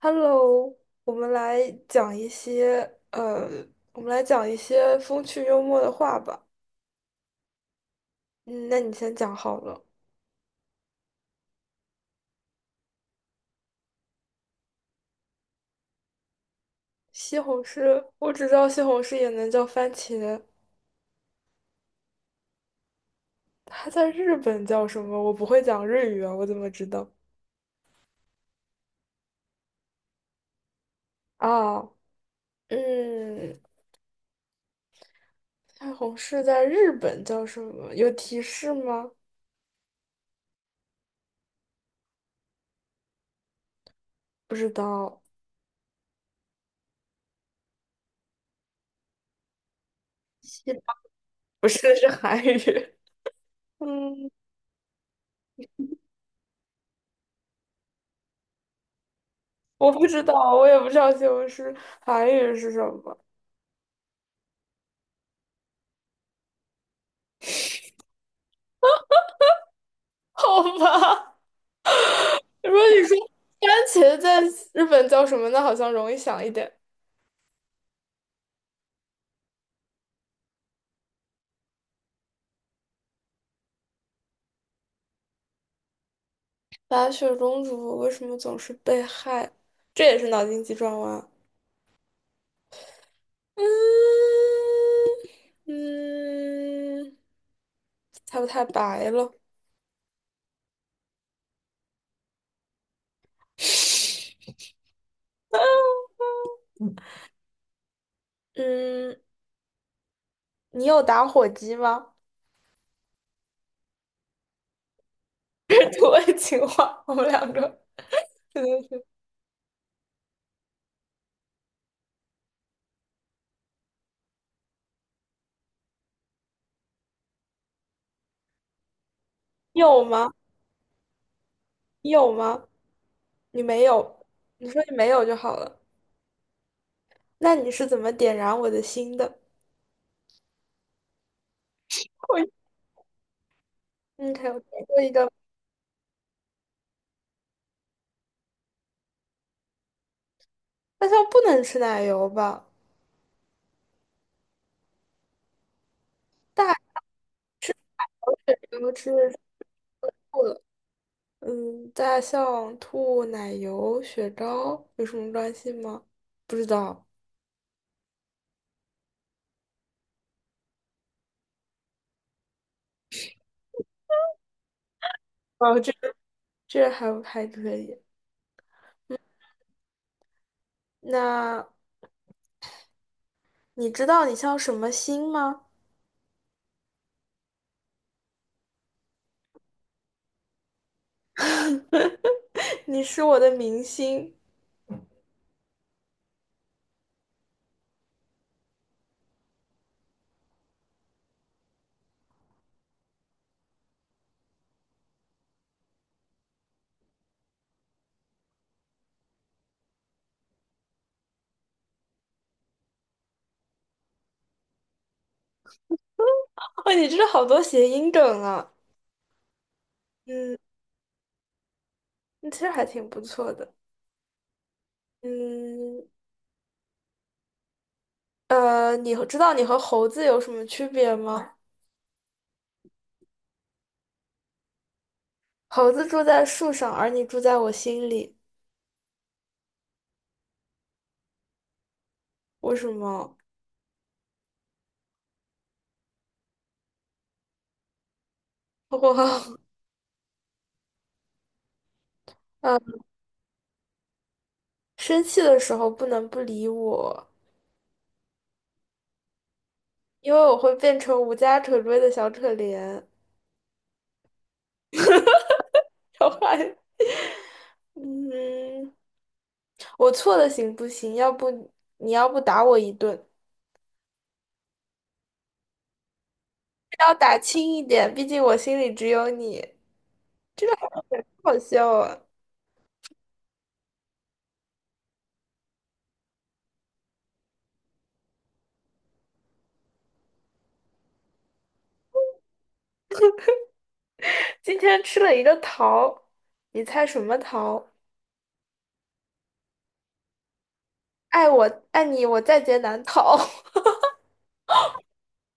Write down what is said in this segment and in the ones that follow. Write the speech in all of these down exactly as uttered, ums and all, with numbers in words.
Hello，我们来讲一些呃，我们来讲一些风趣幽默的话吧。嗯，那你先讲好了。西红柿，我只知道西红柿也能叫番茄，它在日本叫什么？我不会讲日语啊，我怎么知道？啊，嗯，西红柿在日本叫什么？有提示吗？不知道，西不是是韩语。嗯，我不知道，我也不知道西红柿韩语是什么。好吧。如果你说番茄在日本叫什么呢？好像容易想一点。白雪公主为什么总是被害？这也是脑筋急转弯。嗯嗯，猜不太白了。嗯，你有打火机吗？这是土味情话，我们两个真的是你有吗？你有吗？你没有，你说你没有就好了。那你是怎么点燃我的心的？我嗯，还有点过一个，那它不能吃奶油吧？大人要吃的是兔子。嗯，大象兔、奶油雪糕有什么关系吗？不知道。哦，这个这还还可以。那你知道你像什么星吗？你是我的明星。哦，你知道好多谐音梗啊。嗯，那其实还挺不错的。嗯，呃，你和知道你和猴子有什么区别吗？猴子住在树上，而你住在我心里。为什么？我生气的时候不能不理我，因为我会变成无家可归的小可怜。超坏。嗯，我错了行不行？要不你要不打我一顿，要打轻一点，毕竟我心里只有你。这个好像好笑啊！今天吃了一个桃，你猜什么桃？爱我爱你，我在劫难逃。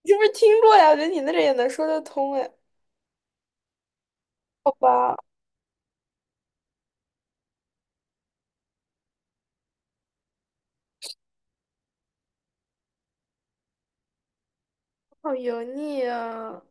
你是不是听过呀？我觉得你那个也能说得通哎。好吧，好油腻啊！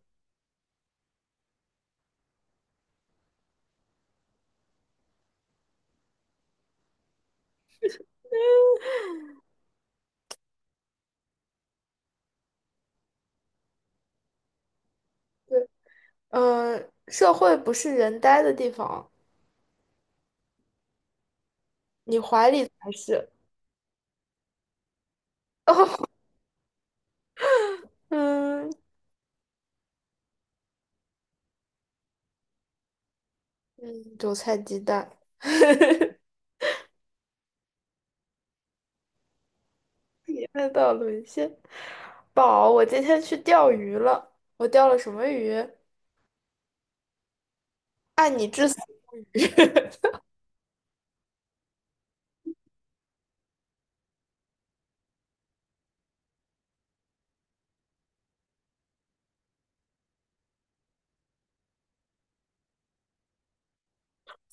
嗯，社会不是人呆的地方，你怀里才是。嗯嗯，韭菜鸡蛋，看到沦陷。宝，我今天去钓鱼了，我钓了什么鱼？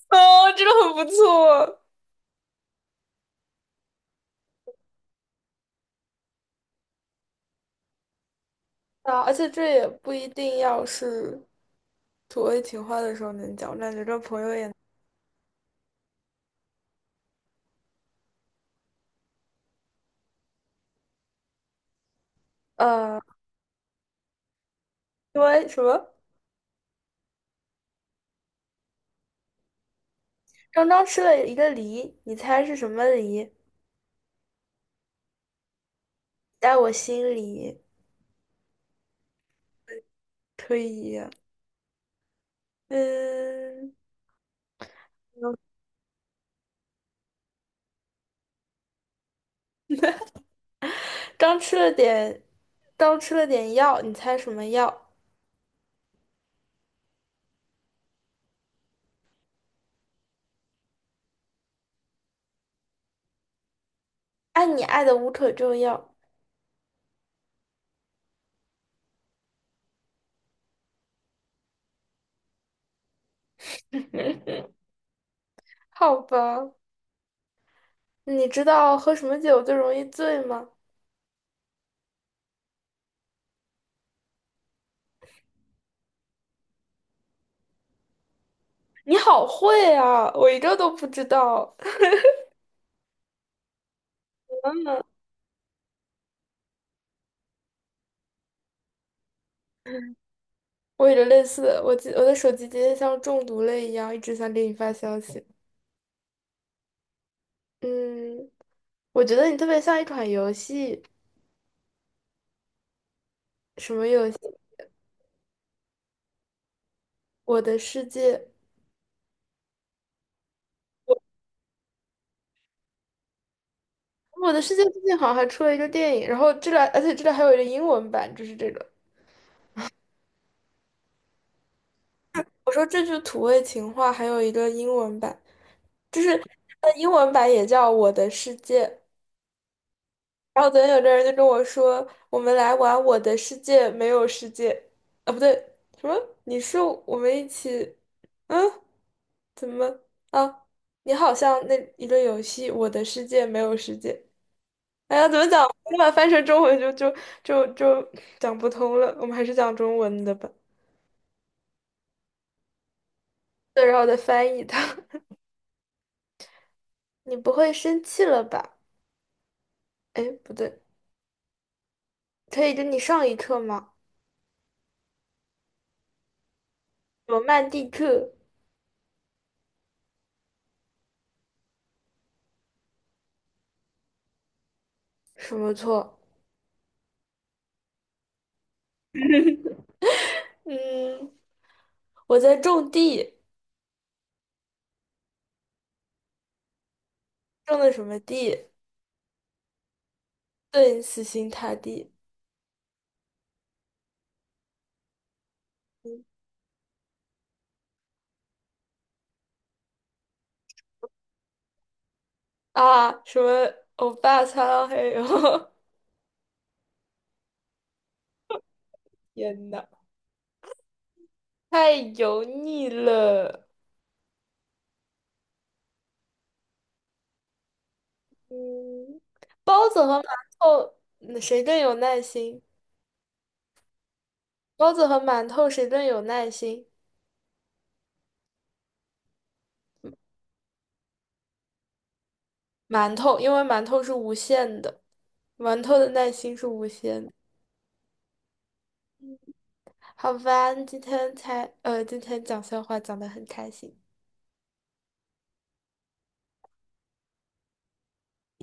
哦，这个很不错。啊，而且这也不一定要是土味情话的时候能讲，我感觉这朋友也，呃，因为什么？刚刚吃了一个梨，你猜是什么梨？在我心里，可以，嗯。刚吃了点，刚吃了点药，你猜什么药？爱你爱的无可救药。好吧，你知道喝什么酒最容易醉吗？你好会啊，我一个都不知道。我有着类似的，我记我的手机今天像中毒了一样，一直想给你发消息。嗯，我觉得你特别像一款游戏，什么游戏？我的世界，我的世界最近好像还出了一个电影，然后这个，而且这个还有一个英文版，就是这个。我说这句土味情话还有一个英文版，就是它的英文版也叫《我的世界》。然后昨天有个人就跟我说，我们来玩《我的世界》，没有世界。啊，不对，什么？你是我们一起？嗯，怎么啊？你好像那一个游戏《我的世界》没有世界。哎呀，怎么讲？我把它翻成中文就就就就讲不通了。我们还是讲中文的吧。对，然后再翻译它。你不会生气了吧？哎，不对。可以跟你上一课吗？罗曼蒂克什么错？嗯，我在种地，种的什么地？顿死心塌地啊！什么欧巴桑？还有，天呐，太油腻了。嗯，包子和馒头，嗯谁更有耐心？包子和馒头谁更有耐心？馒头，因为馒头是无限的，馒头的耐心是无限的。好吧，今天才呃，今天讲笑话讲得很开心。